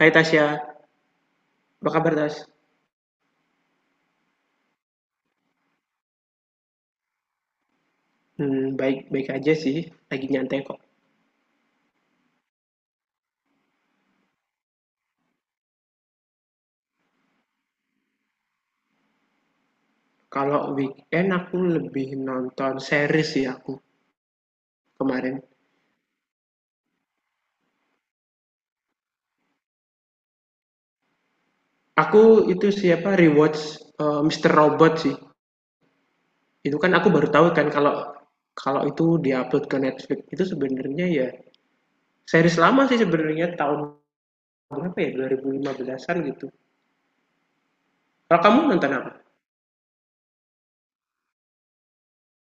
Hai Tasya, apa kabar Tas? Baik-baik aja sih, lagi nyantai kok. Kalau weekend aku lebih nonton series sih aku kemarin. Aku itu siapa rewatch Mr. Robot sih. Itu kan aku baru tahu kan kalau kalau itu diupload ke Netflix itu sebenarnya ya series lama sih sebenarnya tahun berapa ya 2015-an gitu. Kalau kamu nonton apa?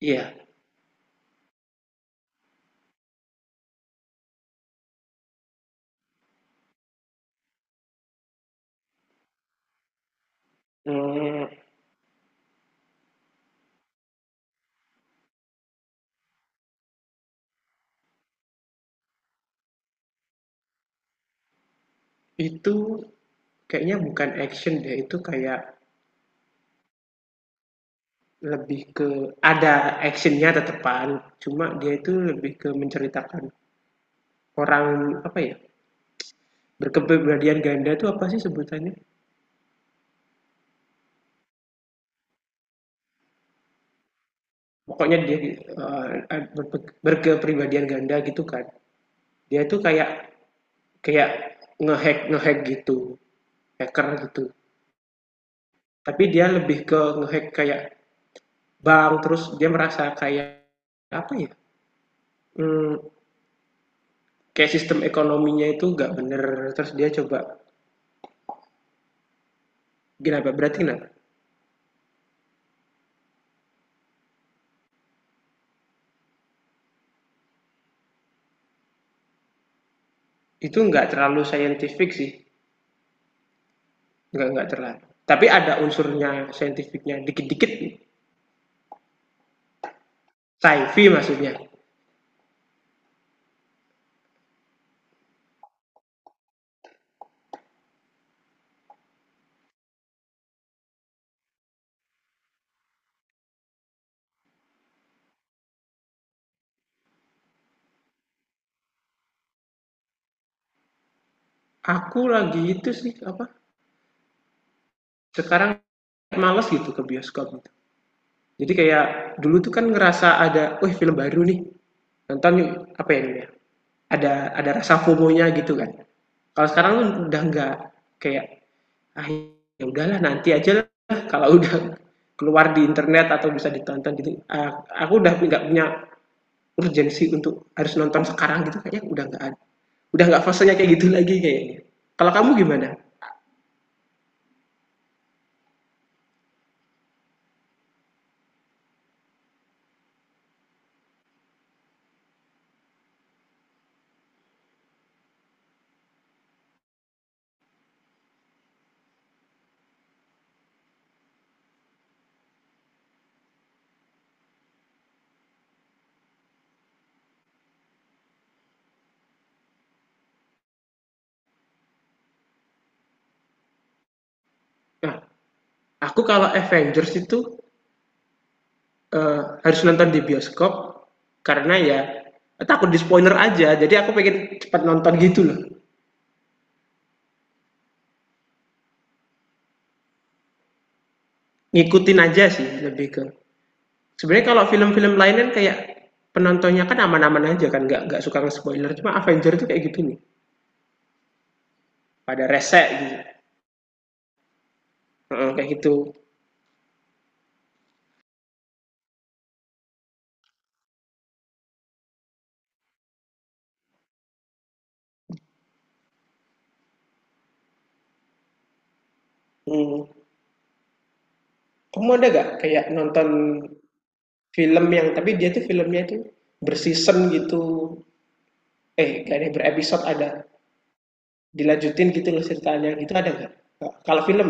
Iya. Hmm, itu kayaknya bukan action deh, itu kayak lebih ke ada actionnya tetepan, cuma dia itu lebih ke menceritakan orang, apa ya, berkepribadian ganda itu apa sih sebutannya? Pokoknya dia eh, berkepribadian ganda gitu kan. Dia itu kayak kayak ngehack ngehack gitu, hacker gitu. Tapi dia lebih ke ngehack kayak bank, terus dia merasa kayak apa ya? Hmm, kayak sistem ekonominya itu nggak bener, terus dia coba gimana? Berarti kenapa? Itu nggak terlalu scientific sih, nggak terlalu tapi ada unsurnya scientificnya dikit-dikit, sci-fi maksudnya. Aku lagi itu sih apa, sekarang males gitu ke bioskop gitu, jadi kayak dulu tuh kan ngerasa ada wih film baru nih nonton yuk, apa ya ini ya, ada ada rasa fomonya gitu kan. Kalau sekarang tuh udah nggak kayak ah ya udahlah nanti aja lah kalau udah keluar di internet atau bisa ditonton gitu ah, aku udah nggak punya urgensi untuk harus nonton sekarang gitu, kayaknya udah nggak ada, udah nggak fasenya kayak gitu lagi kayaknya. Kalau kamu gimana? Nah, aku kalau Avengers itu harus nonton di bioskop karena ya takut di spoiler aja jadi aku pengen cepat nonton gitu loh. Ngikutin aja sih, lebih ke sebenarnya kalau film-film lain kan kayak penontonnya kan aman-aman aja kan nggak suka nge-spoiler, cuma Avengers itu kayak gitu nih, pada resek gitu. Heeh, kayak gitu. Hmm. Kamu ada gak kayak nonton film yang tapi dia tuh filmnya tuh berseason gitu. Eh, kayaknya berepisode ada. Dilanjutin gitu loh ceritanya. Gitu ada nggak? Kalau film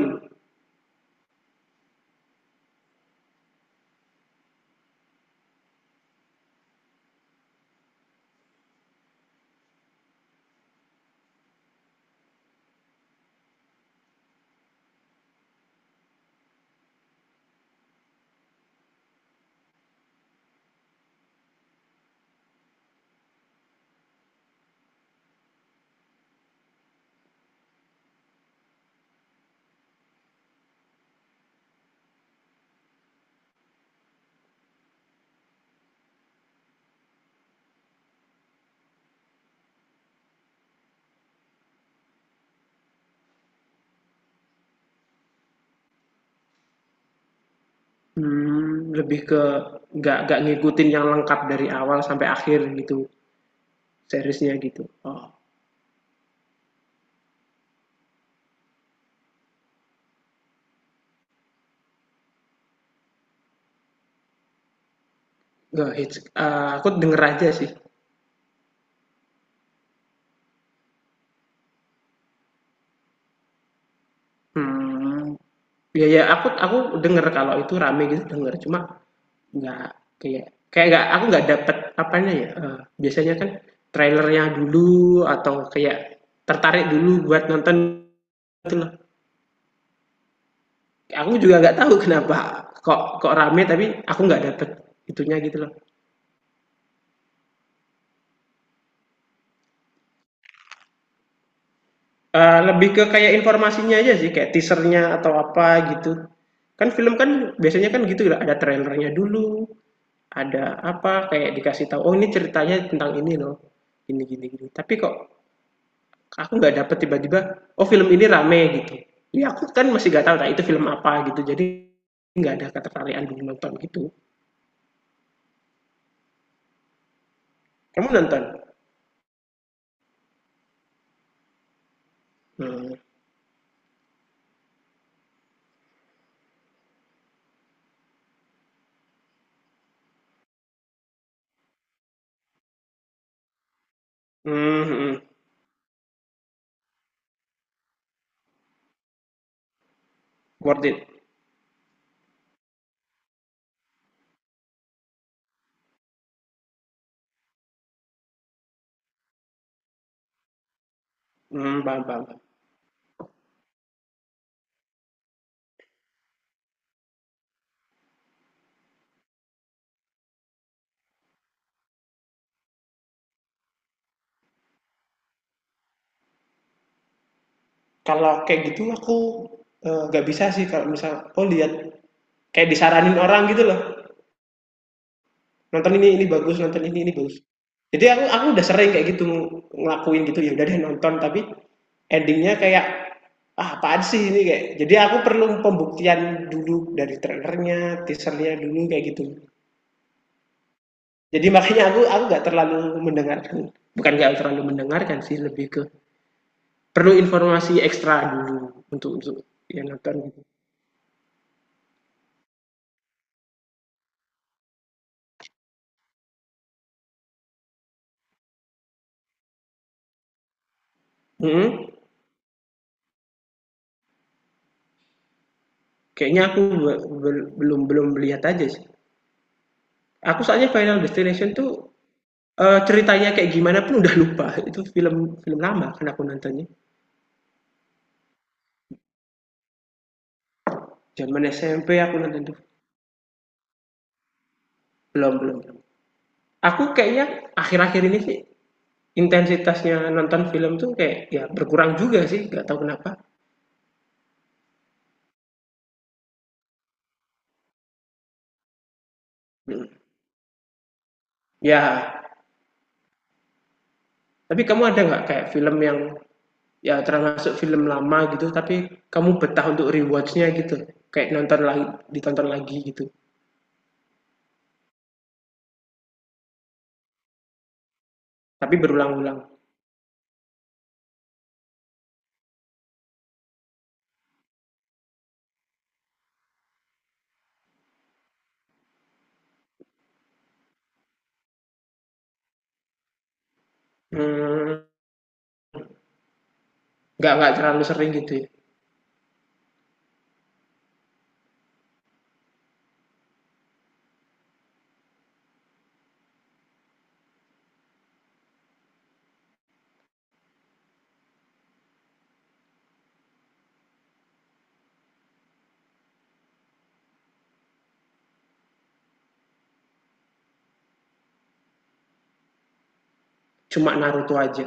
hmm, lebih ke nggak ngikutin yang lengkap dari awal sampai akhir gitu, seriesnya gitu. Oh. Nggak hits. Eh, aku denger aja sih. Hmm, ya ya aku denger kalau itu rame gitu denger. Cuma nggak kayak kayak nggak aku nggak dapet apanya ya eh, biasanya kan trailernya dulu atau kayak tertarik dulu buat nonton gitu loh. Aku juga nggak tahu kenapa kok kok rame tapi aku nggak dapet itunya gitu loh. Eh, lebih ke kayak informasinya aja sih kayak teasernya atau apa gitu, kan film kan biasanya kan gitu ada trailernya dulu, ada apa kayak dikasih tahu oh ini ceritanya tentang ini loh, gini gini gini tapi kok aku nggak dapet tiba-tiba oh film ini rame gitu, ya aku kan masih nggak tahu nah itu film apa gitu jadi nggak ada ketertarikan dulu nonton gitu. Kamu nonton? Hmm, hmm, hmm. Worth it. Hmm, paham, paham, paham. Kalau kayak gitu aku eh, nggak bisa sih kalau misal oh lihat kayak disaranin orang gitu loh, nonton ini bagus nonton ini bagus, jadi aku udah sering kayak gitu ngelakuin gitu ya udah deh nonton tapi endingnya kayak ah apaan sih ini kayak, jadi aku perlu pembuktian dulu dari trailernya teasernya dulu kayak gitu. Jadi makanya aku nggak terlalu mendengarkan, bukan nggak terlalu mendengarkan sih, lebih ke perlu informasi ekstra dulu untuk ya nonton gitu. Mm, kayaknya aku be- be- belum belum melihat aja sih, aku soalnya Final Destination tuh, eee, ceritanya kayak gimana pun udah lupa, itu film film lama kan aku nontonnya, jaman SMP aku nonton tuh. Belum belum belum. Aku kayaknya akhir-akhir ini sih intensitasnya nonton film tuh kayak ya berkurang juga sih, nggak tahu kenapa. Mhm. Ya, tapi kamu ada nggak kayak film yang ya termasuk film lama gitu, tapi kamu betah untuk rewatch gitu? Kayak nonton lagi, ditonton lagi gitu, tapi berulang-ulang? Mmm, nggak terlalu sering gitu ya, cuma Naruto aja?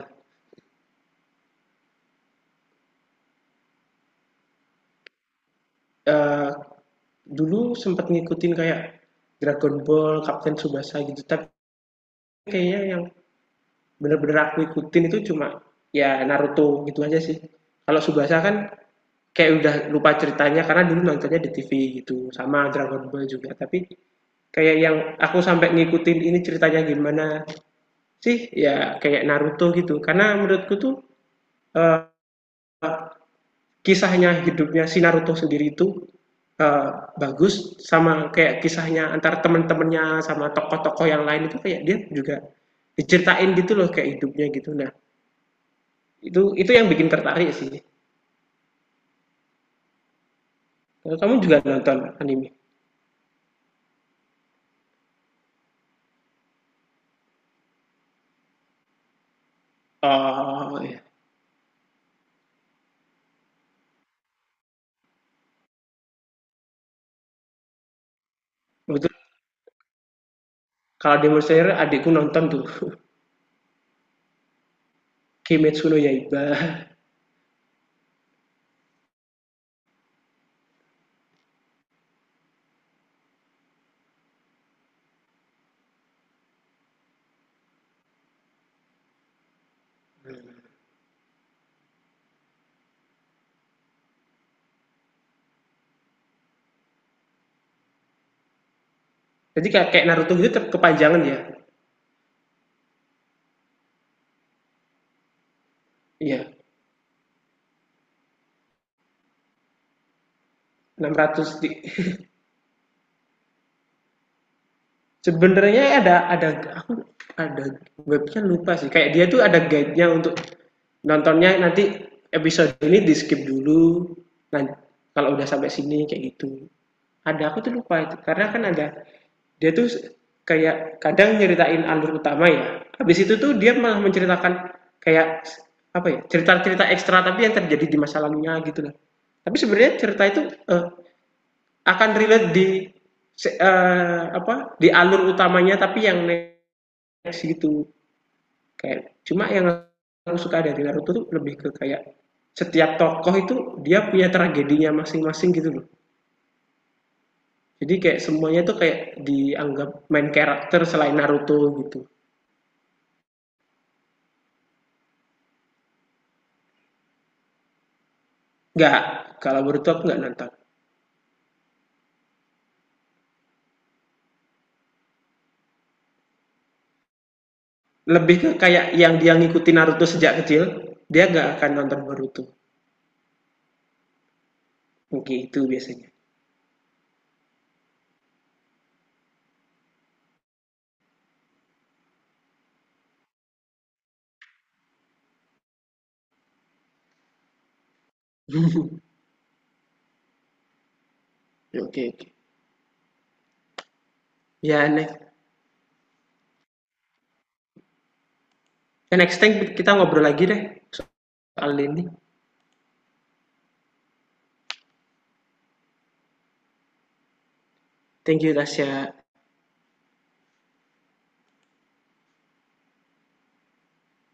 Eee dulu sempat ngikutin kayak Dragon Ball, Captain Tsubasa gitu. Tapi kayaknya yang bener-bener aku ikutin itu cuma ya Naruto gitu aja sih. Kalau Tsubasa kan kayak udah lupa ceritanya karena dulu nontonnya di TV gitu. Sama Dragon Ball juga. Tapi kayak yang aku sampai ngikutin ini ceritanya gimana sih ya kayak Naruto gitu. Karena menurutku tuh eh, kisahnya hidupnya si Naruto sendiri itu eh, bagus sama kayak kisahnya antar temen-temennya sama tokoh-tokoh yang lain itu kayak dia juga diceritain gitu loh kayak hidupnya gitu, nah itu yang bikin tertarik sih. Kalau kamu juga nonton anime? Oh iya. Betul. Kalau Demon Slayer adikku nonton tuh. Kimetsu no Yaiba. Jadi kayak Naruto gitu ter- kepanjangan ya. Iya, 600 di sebenarnya ada aku ada webnya lupa sih kayak dia tuh ada guide-nya untuk nontonnya, nanti episode ini di skip dulu, nanti kalau udah sampai sini kayak gitu ada, aku tuh lupa itu karena kan ada dia tuh kayak kadang nyeritain alur utama ya, habis itu tuh dia malah menceritakan kayak apa ya cerita-cerita ekstra tapi yang terjadi di masa lalunya gitu lah, tapi sebenarnya cerita itu eh, akan relate di se- eh, apa di alur utamanya tapi yang next gitu. Kayak cuma yang aku suka dari Naruto tuh lebih ke kayak setiap tokoh itu dia punya tragedinya masing-masing gitu loh, jadi kayak semuanya tuh kayak dianggap main karakter selain Naruto gitu. Nggak, kalau Boruto aku nggak nonton. Lebih ke kayak yang dia ngikutin Naruto sejak kecil dia nggak akan nonton Boruto, oke itu biasanya. Oke oke. Okay, okay. Ya next. Ya, next time kita ngobrol lagi deh soal ini. Thank you, Tasya.